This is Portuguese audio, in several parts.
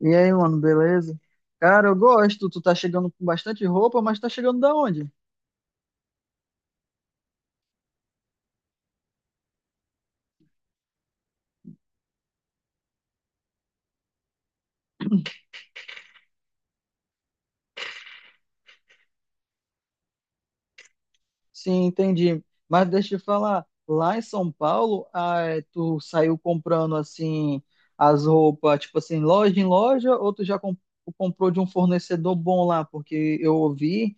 E aí, mano, beleza? Cara, eu gosto. Tu tá chegando com bastante roupa, mas tá chegando da onde? Sim, entendi. Mas deixa eu te falar, lá em São Paulo, ah, é, tu saiu comprando assim as roupas, tipo assim, loja em loja, ou tu já comprou de um fornecedor bom lá? Porque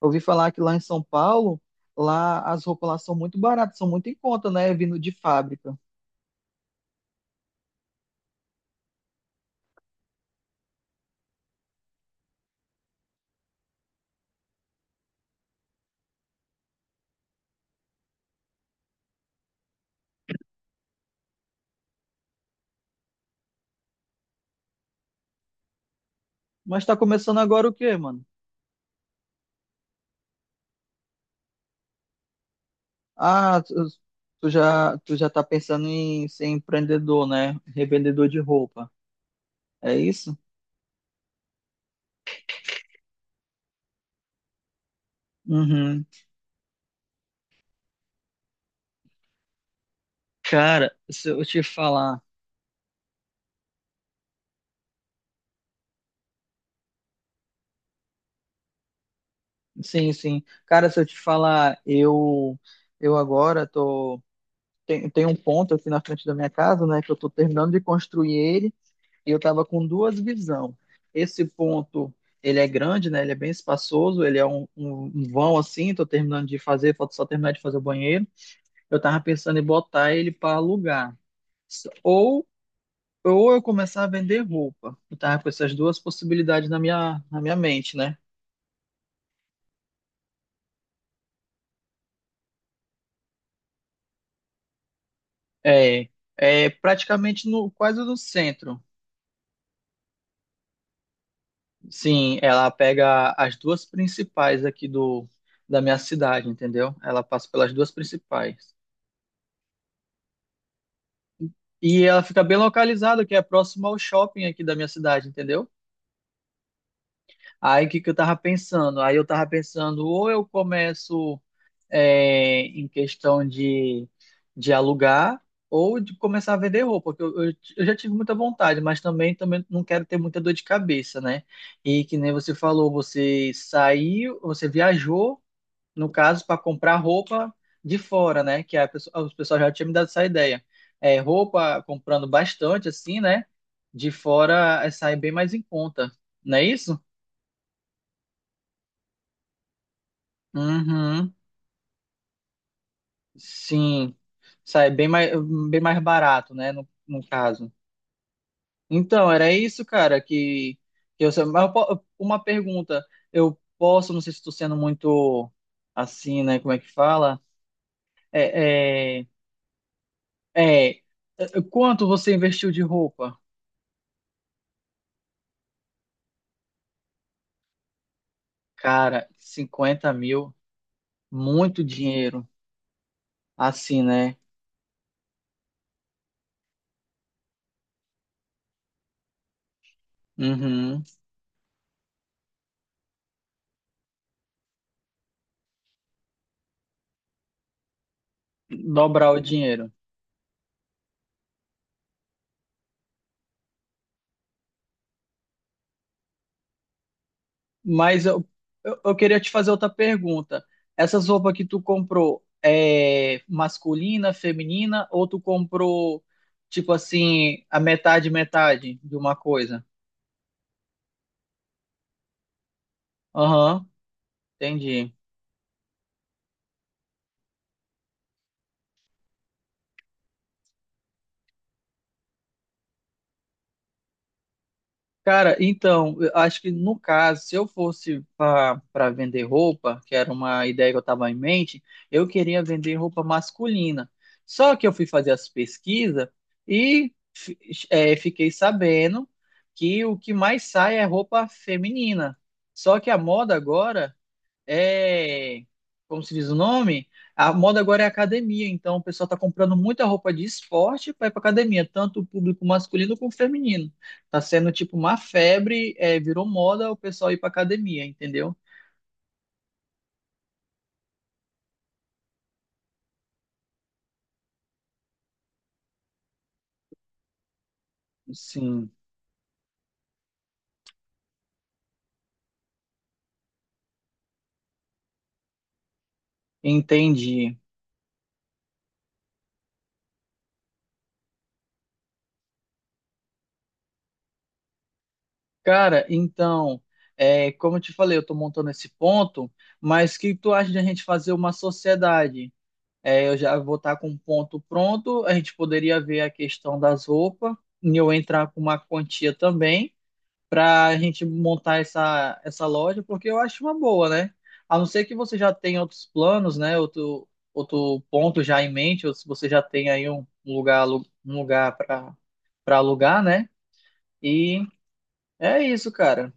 ouvi falar que lá em São Paulo, lá as roupas lá são muito baratas, são muito em conta, né? Vindo de fábrica. Mas tá começando agora o quê, mano? Ah, tu já tá pensando em ser empreendedor, né? Revendedor de roupa. É isso? Uhum. Cara, se eu te falar, sim, sim. Cara, se eu te falar, eu agora tem um ponto aqui na frente da minha casa, né, que eu tô terminando de construir ele e eu tava com duas visão. Esse ponto, ele é grande, né? Ele é bem espaçoso, ele é um vão assim, tô terminando de fazer, falta só terminar de fazer o banheiro. Eu tava pensando em botar ele para alugar. Ou, ou eu começar a vender roupa. Eu tava com essas duas possibilidades na minha mente, né? É, é praticamente quase no centro. Sim, ela pega as duas principais aqui da minha cidade, entendeu? Ela passa pelas duas principais. E ela fica bem localizada, que é próximo ao shopping aqui da minha cidade, entendeu? Aí o que que eu tava pensando? Aí eu tava pensando, ou eu começo. É, em questão de alugar ou de começar a vender roupa, porque eu já tive muita vontade, mas também não quero ter muita dor de cabeça, né? E que nem você falou, você saiu, você viajou, no caso, para comprar roupa de fora, né? Que a pessoa, os pessoal já tinha me dado essa ideia. É, roupa comprando bastante, assim, né? De fora é, sai bem mais em conta, não é isso? Uhum. Sim, sai bem mais barato, né, no caso. Então, era isso, cara, que eu. Mas eu uma pergunta, eu posso, não sei se estou sendo muito assim, né, como é que fala? É, é, é, Quanto você investiu de roupa? Cara, 50 mil, muito dinheiro, assim, né? Uhum. Dobrar o dinheiro. Mas eu queria te fazer outra pergunta. Essas roupas que tu comprou é masculina, feminina, ou tu comprou, tipo assim, a metade, metade de uma coisa? Aham, entendi. Cara, então, eu acho que no caso, se eu fosse para vender roupa, que era uma ideia que eu estava em mente, eu queria vender roupa masculina. Só que eu fui fazer as pesquisas e fiquei sabendo que o que mais sai é roupa feminina. Só que a moda agora é, como se diz o nome? A moda agora é academia, então o pessoal está comprando muita roupa de esporte para ir para academia, tanto o público masculino como feminino. Tá sendo tipo uma febre, é, virou moda o pessoal ir para academia, entendeu? Sim, entendi. Cara, então, é, como eu te falei, eu tô montando esse ponto, mas o que tu acha de a gente fazer uma sociedade? É, eu já vou estar com um ponto pronto. A gente poderia ver a questão das roupas e eu entrar com uma quantia também para a gente montar essa loja, porque eu acho uma boa, né? A não ser que você já tenha outros planos, né? Outro ponto já em mente, ou se você já tem aí um lugar para alugar, né? E é isso, cara.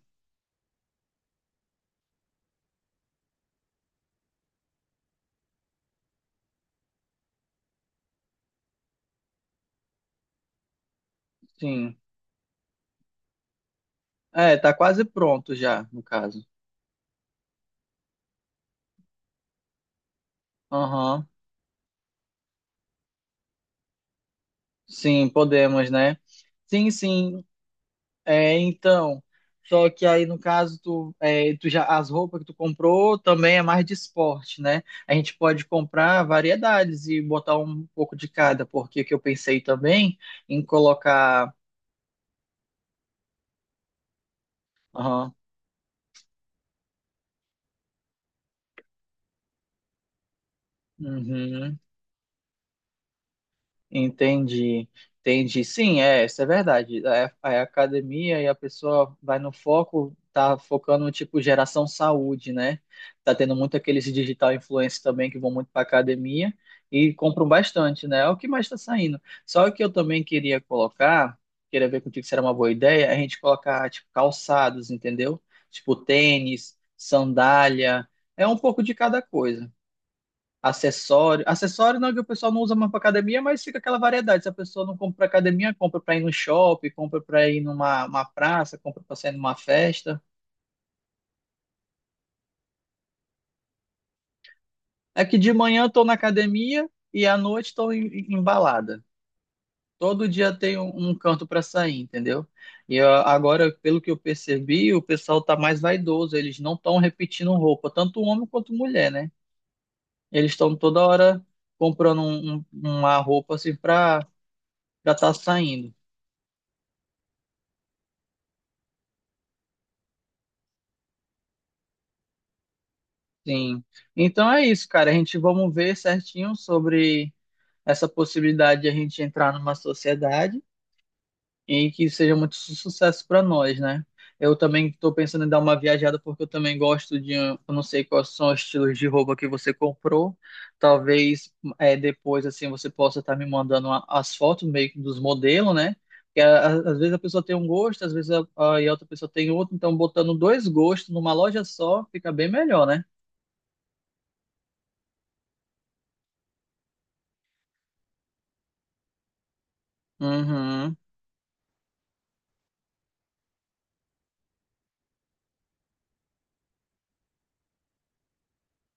Sim. É, tá quase pronto já, no caso. Aham. Sim, podemos, né? Sim, sim. É, então, só que aí no caso tu já as roupas que tu comprou também é mais de esporte, né? A gente pode comprar variedades e botar um pouco de cada, porque o que eu pensei também em colocar. Aham. Uhum. Entendi, entendi. Sim, é, isso é verdade. É, é a academia e a pessoa vai no foco, tá focando no tipo geração saúde, né? Tá tendo muito aqueles digital influencers também que vão muito para academia e compram bastante, né? É o que mais está saindo. Só que eu também queria colocar, queria ver contigo se era uma boa ideia, a gente colocar tipo calçados, entendeu? Tipo tênis, sandália, é um pouco de cada coisa acessório. Acessório não é que o pessoal não usa mais para academia, mas fica aquela variedade. Se a pessoa não compra para academia, compra para ir no shopping, compra para ir numa uma praça, compra para sair numa festa. É que de manhã eu tô na academia e à noite estou embalada. Todo dia tem um canto para sair, entendeu? E ó, agora, pelo que eu percebi, o pessoal tá mais vaidoso, eles não estão repetindo roupa, tanto homem quanto mulher, né? Eles estão toda hora comprando uma roupa assim para já tá saindo. Sim. Então é isso, cara. A gente vamos ver certinho sobre essa possibilidade de a gente entrar numa sociedade e que seja muito sucesso para nós, né? Eu também estou pensando em dar uma viajada porque eu também gosto de, eu não sei quais são os estilos de roupa que você comprou. Talvez é, depois assim você possa estar me mandando as fotos meio que dos modelos, né? Porque às vezes a pessoa tem um gosto, às vezes e a outra pessoa tem outro. Então botando dois gostos numa loja só fica bem melhor, né? Uhum.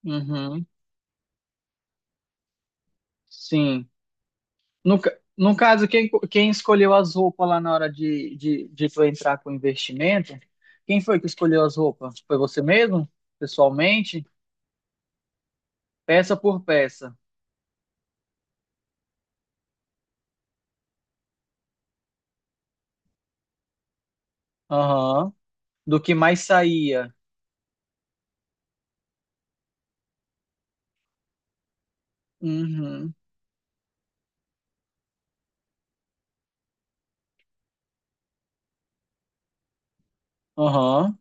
Uhum, sim. No caso, quem escolheu as roupas lá na hora de tu entrar com o investimento? Quem foi que escolheu as roupas? Foi você mesmo? Pessoalmente? Peça por peça. Aham. Do que mais saía. Uhum. Aham.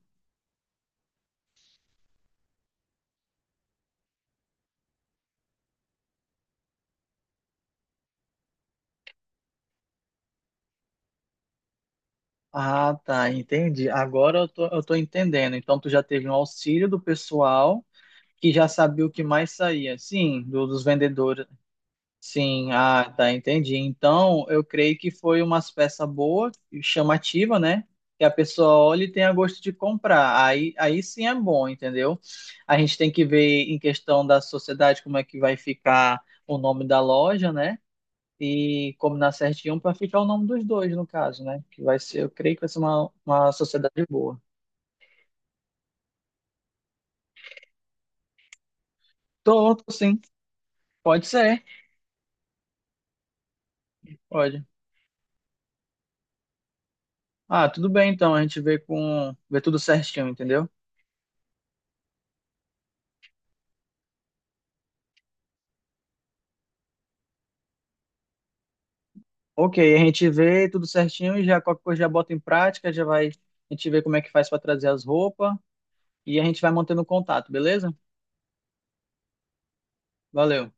Ah, tá, entendi. Agora eu tô entendendo. Então tu já teve um auxílio do pessoal que já sabia o que mais saía. Sim, dos vendedores. Sim, ah, tá, entendi. Então, eu creio que foi uma peça boa e chamativa, né? Que a pessoa olha e tenha gosto de comprar. Aí sim é bom, entendeu? A gente tem que ver em questão da sociedade como é que vai ficar o nome da loja, né? E combinar certinho para ficar o nome dos dois, no caso, né? Que vai ser, eu creio que vai ser uma sociedade boa. Tô, tô sim. Pode ser, pode. Ah, tudo bem então, a gente vê vê tudo certinho, entendeu? Ok, a gente vê tudo certinho e já qualquer coisa já bota em prática, já vai, a gente vê como é que faz para trazer as roupas e a gente vai mantendo contato, beleza? Valeu,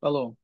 falou.